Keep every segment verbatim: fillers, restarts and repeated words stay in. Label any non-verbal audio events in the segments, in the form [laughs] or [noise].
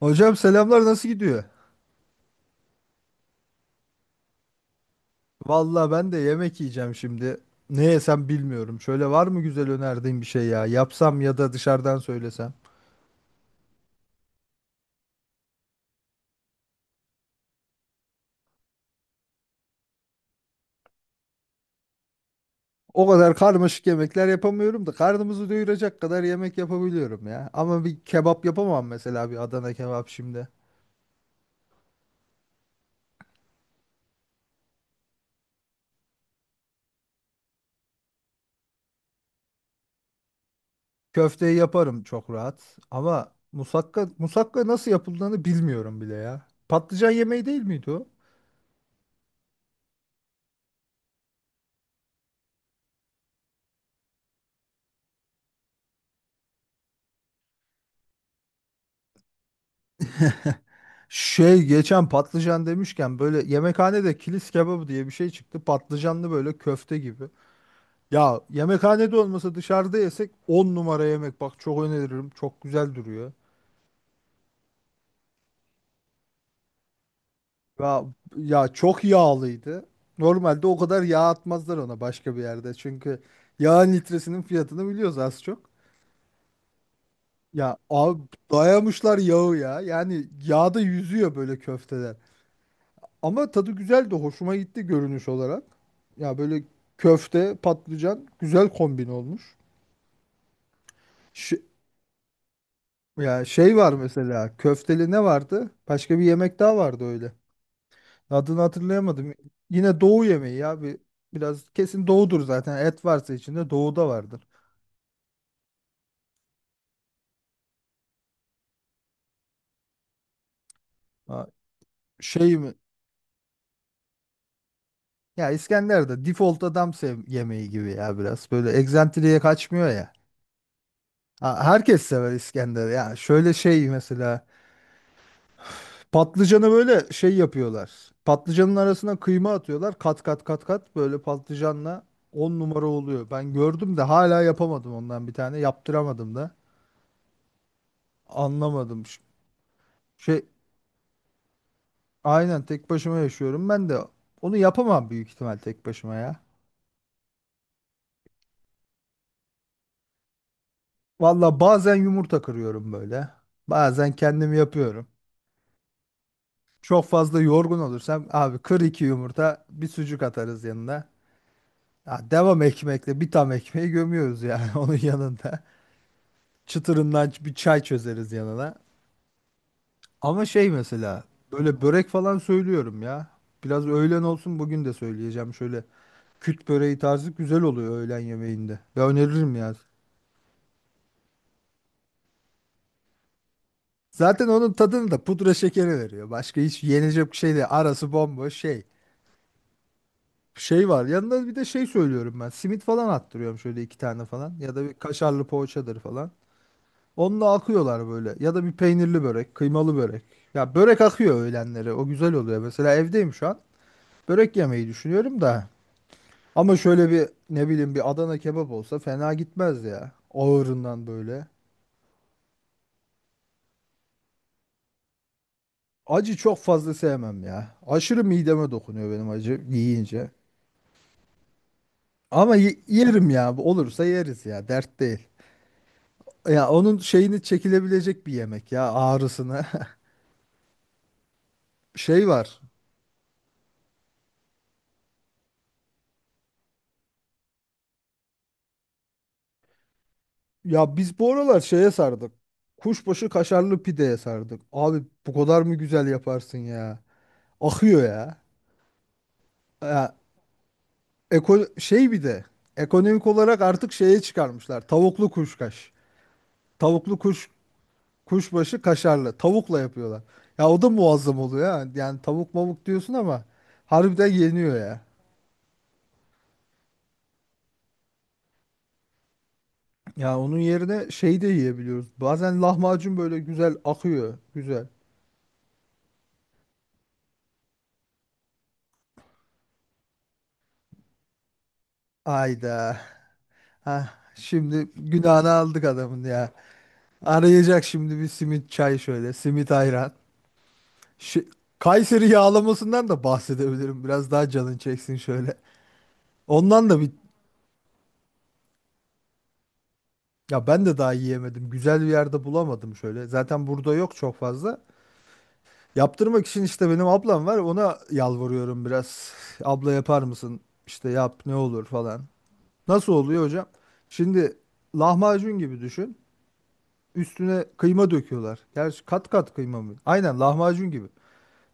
Hocam selamlar nasıl gidiyor? Valla ben de yemek yiyeceğim şimdi. Ne yesem bilmiyorum. Şöyle var mı güzel önerdiğin bir şey ya? Yapsam ya da dışarıdan söylesem. O kadar karmaşık yemekler yapamıyorum da karnımızı doyuracak kadar yemek yapabiliyorum ya. Ama bir kebap yapamam mesela bir Adana kebap şimdi. Köfteyi yaparım çok rahat. Ama musakka, musakka nasıl yapıldığını bilmiyorum bile ya. Patlıcan yemeği değil miydi o? Şey geçen patlıcan demişken böyle yemekhanede kilis kebabı diye bir şey çıktı. Patlıcanlı böyle köfte gibi. Ya yemekhanede olmasa dışarıda yesek on numara yemek. Bak çok öneririm. Çok güzel duruyor. Ya, ya çok yağlıydı. Normalde o kadar yağ atmazlar ona başka bir yerde. Çünkü yağın litresinin fiyatını biliyoruz az çok. Ya abi dayamışlar yağı ya. Yani yağda yüzüyor böyle köfteler. Ama tadı güzeldi. Hoşuma gitti görünüş olarak. Ya böyle köfte, patlıcan güzel kombin olmuş. Ş- ya şey var mesela köfteli ne vardı? Başka bir yemek daha vardı öyle. Adını hatırlayamadım. Yine doğu yemeği ya. Bir, biraz kesin doğudur zaten. Et varsa içinde doğuda vardır. Ha, şey mi? Ya İskender'de default adam sev yemeği gibi ya biraz. Böyle egzantriye kaçmıyor ya. Ha, herkes sever İskender. Ya şöyle şey mesela patlıcanı böyle şey yapıyorlar. Patlıcanın arasına kıyma atıyorlar. Kat kat kat kat böyle patlıcanla on numara oluyor. Ben gördüm de hala yapamadım ondan bir tane. Yaptıramadım da. Anlamadım. Ş- Şey aynen tek başıma yaşıyorum. Ben de onu yapamam büyük ihtimal tek başıma ya. Valla bazen yumurta kırıyorum böyle. Bazen kendim yapıyorum. Çok fazla yorgun olursam abi kır iki yumurta bir sucuk atarız yanına. Ya devam ekmekle bir tam ekmeği gömüyoruz yani [laughs] onun yanında. Çıtırından bir çay çözeriz yanına. Ama şey mesela böyle börek falan söylüyorum ya. Biraz öğlen olsun bugün de söyleyeceğim şöyle. Küt böreği tarzı güzel oluyor öğlen yemeğinde. Ya öneririm ya. Zaten onun tadını da pudra şekeri veriyor. Başka hiç yenecek bir şey de arası bomboş şey. Şey var yanında bir de şey söylüyorum ben. Simit falan attırıyorum şöyle iki tane falan. Ya da bir kaşarlı poğaçadır falan. Onunla akıyorlar böyle. Ya da bir peynirli börek, kıymalı börek. Ya börek akıyor öğlenleri. O güzel oluyor. Mesela evdeyim şu an. Börek yemeyi düşünüyorum da. Ama şöyle bir ne bileyim bir Adana kebap olsa fena gitmez ya. Ağırından böyle. Acı çok fazla sevmem ya. Aşırı mideme dokunuyor benim acı yiyince. Ama y- yerim ya. Bu olursa yeriz ya. Dert değil. Ya onun şeyini çekilebilecek bir yemek ya ağrısını. [laughs] Şey var. Ya biz bu aralar şeye sardık. Kuşbaşı kaşarlı pideye sardık. Abi bu kadar mı güzel yaparsın ya? Akıyor ya. Ya Eko şey bir de ekonomik olarak artık şeye çıkarmışlar. Tavuklu kuşkaş. Tavuklu kuş kuşbaşı kaşarlı. Tavukla yapıyorlar. Ya o da muazzam oluyor ha. Yani tavuk mavuk diyorsun ama harbiden yeniyor ya. Ya onun yerine şey de yiyebiliyoruz. Bazen lahmacun böyle güzel akıyor. Güzel. Ayda. Ha, şimdi günahını aldık adamın ya. Arayacak şimdi bir simit çay şöyle. Simit ayran. Şi- Kayseri yağlamasından da bahsedebilirim. Biraz daha canın çeksin şöyle. Ondan da bir ya ben de daha yiyemedim. Güzel bir yerde bulamadım şöyle. Zaten burada yok çok fazla. Yaptırmak için işte benim ablam var. Ona yalvarıyorum biraz. Abla yapar mısın? İşte yap ne olur falan. Nasıl oluyor hocam? Şimdi lahmacun gibi düşün. Üstüne kıyma döküyorlar. Gerçi kat kat kıyma mı? Aynen lahmacun gibi.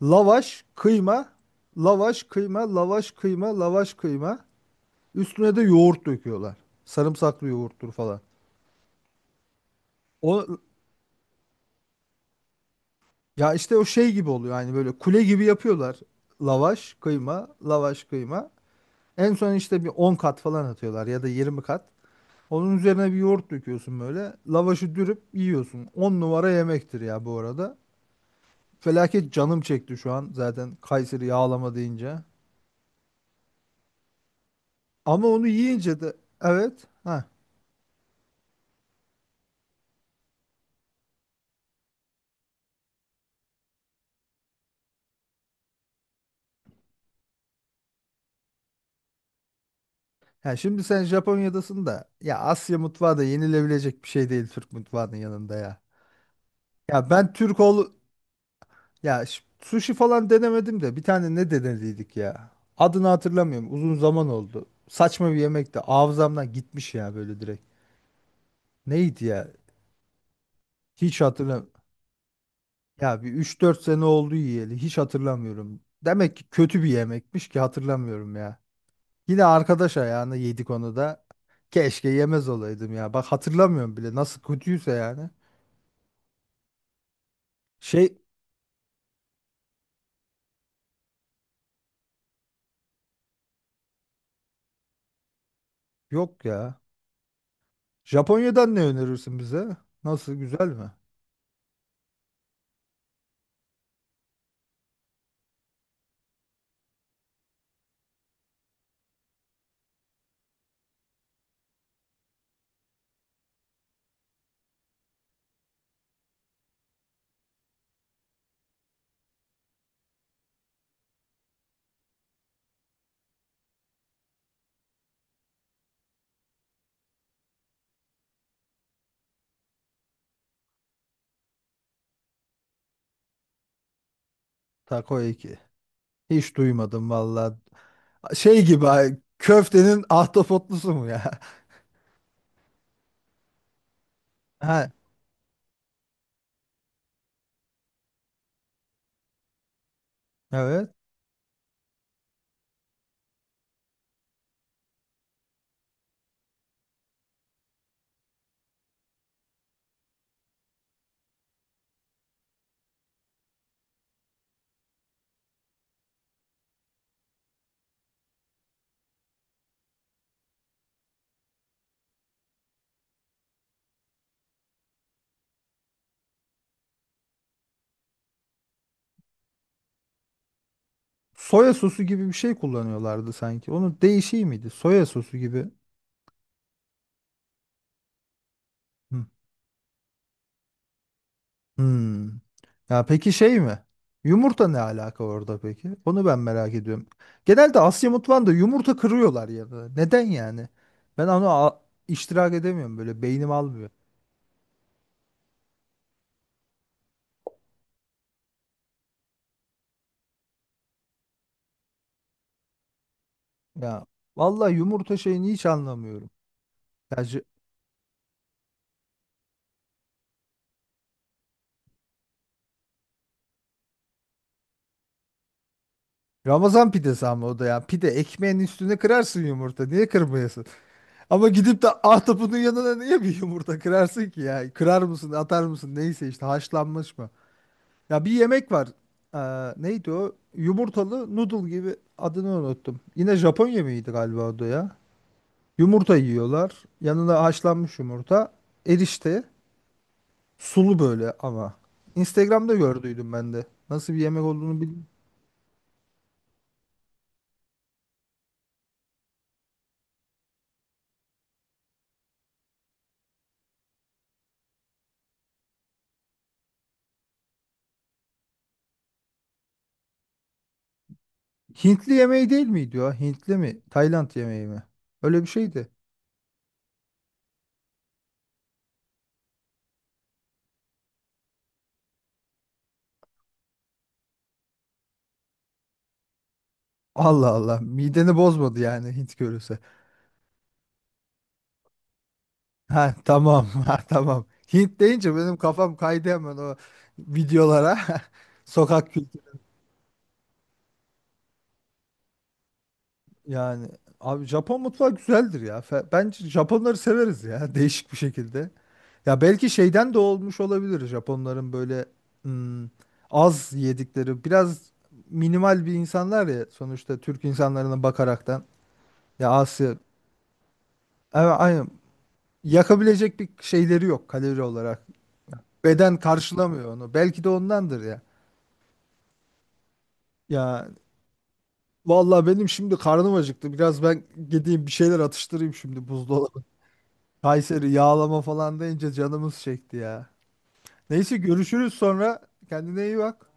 Lavaş, kıyma, lavaş, kıyma, lavaş, kıyma, lavaş, kıyma. Üstüne de yoğurt döküyorlar. Sarımsaklı yoğurttur falan. O Ya işte o şey gibi oluyor yani böyle kule gibi yapıyorlar. Lavaş, kıyma, lavaş, kıyma. En son işte bir on kat falan atıyorlar ya da yirmi kat. Onun üzerine bir yoğurt döküyorsun böyle. Lavaşı dürüp yiyorsun. On numara yemektir ya bu arada. Felaket canım çekti şu an zaten Kayseri yağlama deyince. Ama onu yiyince de evet. Ha. Ya şimdi sen Japonya'dasın da ya Asya mutfağı da yenilebilecek bir şey değil Türk mutfağının yanında ya. Ya ben Türk ol Ya ş- sushi falan denemedim de bir tane ne denediydik ya. Adını hatırlamıyorum. Uzun zaman oldu. Saçma bir yemekti. Hafızamdan gitmiş ya böyle direkt. Neydi ya? Hiç hatırlam. Ya bir üç dört sene oldu yiyeli. Hiç hatırlamıyorum. Demek ki kötü bir yemekmiş ki hatırlamıyorum ya. Yine arkadaş ayağına yedik onu da. Keşke yemez olaydım ya. Bak hatırlamıyorum bile nasıl kötüyse yani. Şey yok ya. Japonya'dan ne önerirsin bize? Nasıl güzel mi? Takoyaki. Hiç duymadım valla. Şey gibi ha, köftenin ahtapotlusu mu ya? [laughs] Ha, evet. Soya sosu gibi bir şey kullanıyorlardı sanki. Onun değişiği miydi? Soya sosu gibi. Hı. Hmm. Ya peki şey mi? Yumurta ne alaka orada peki? Onu ben merak ediyorum. Genelde Asya mutfağında yumurta kırıyorlar ya da. Neden yani? Ben onu a- iştirak edemiyorum böyle beynim almıyor. Ya vallahi yumurta şeyini hiç anlamıyorum. Ya Ramazan pidesi ama o da ya. Pide ekmeğin üstüne kırarsın yumurta. Niye kırmayasın? Ama gidip de ahtapotunun yanına niye bir yumurta kırarsın ki ya? Kırar mısın, atar mısın? Neyse işte haşlanmış mı? Ya bir yemek var. Ee, neydi o? Yumurtalı noodle gibi adını unuttum. Yine Japon yemeğiydi galiba o da ya. Yumurta yiyorlar. Yanına haşlanmış yumurta. Erişte. Sulu böyle ama. Instagram'da gördüydüm ben de. Nasıl bir yemek olduğunu bil. Hintli yemeği değil miydi o? Hintli mi? Tayland yemeği mi? Öyle bir şeydi. Allah Allah. Mideni bozmadı yani Hint görürse. Ha tamam. [laughs] Ha tamam. Hint deyince benim kafam kaydı hemen o videolara. [laughs] Sokak kültürü yani. Abi Japon mutfağı güzeldir ya. Fe- Bence Japonları severiz ya [laughs] değişik bir şekilde. Ya belki şeyden de olmuş olabilir Japonların böyle hmm, az yedikleri biraz minimal bir insanlar ya sonuçta Türk insanlarına bakaraktan. Ya Asya Evet, aynen. Yakabilecek bir şeyleri yok kalori olarak. Beden karşılamıyor onu. Belki de ondandır ya. Ya vallahi benim şimdi karnım acıktı. Biraz ben gideyim bir şeyler atıştırayım şimdi buzdolabı. Kayseri yağlama falan deyince canımız çekti ya. Neyse görüşürüz sonra. Kendine iyi bak.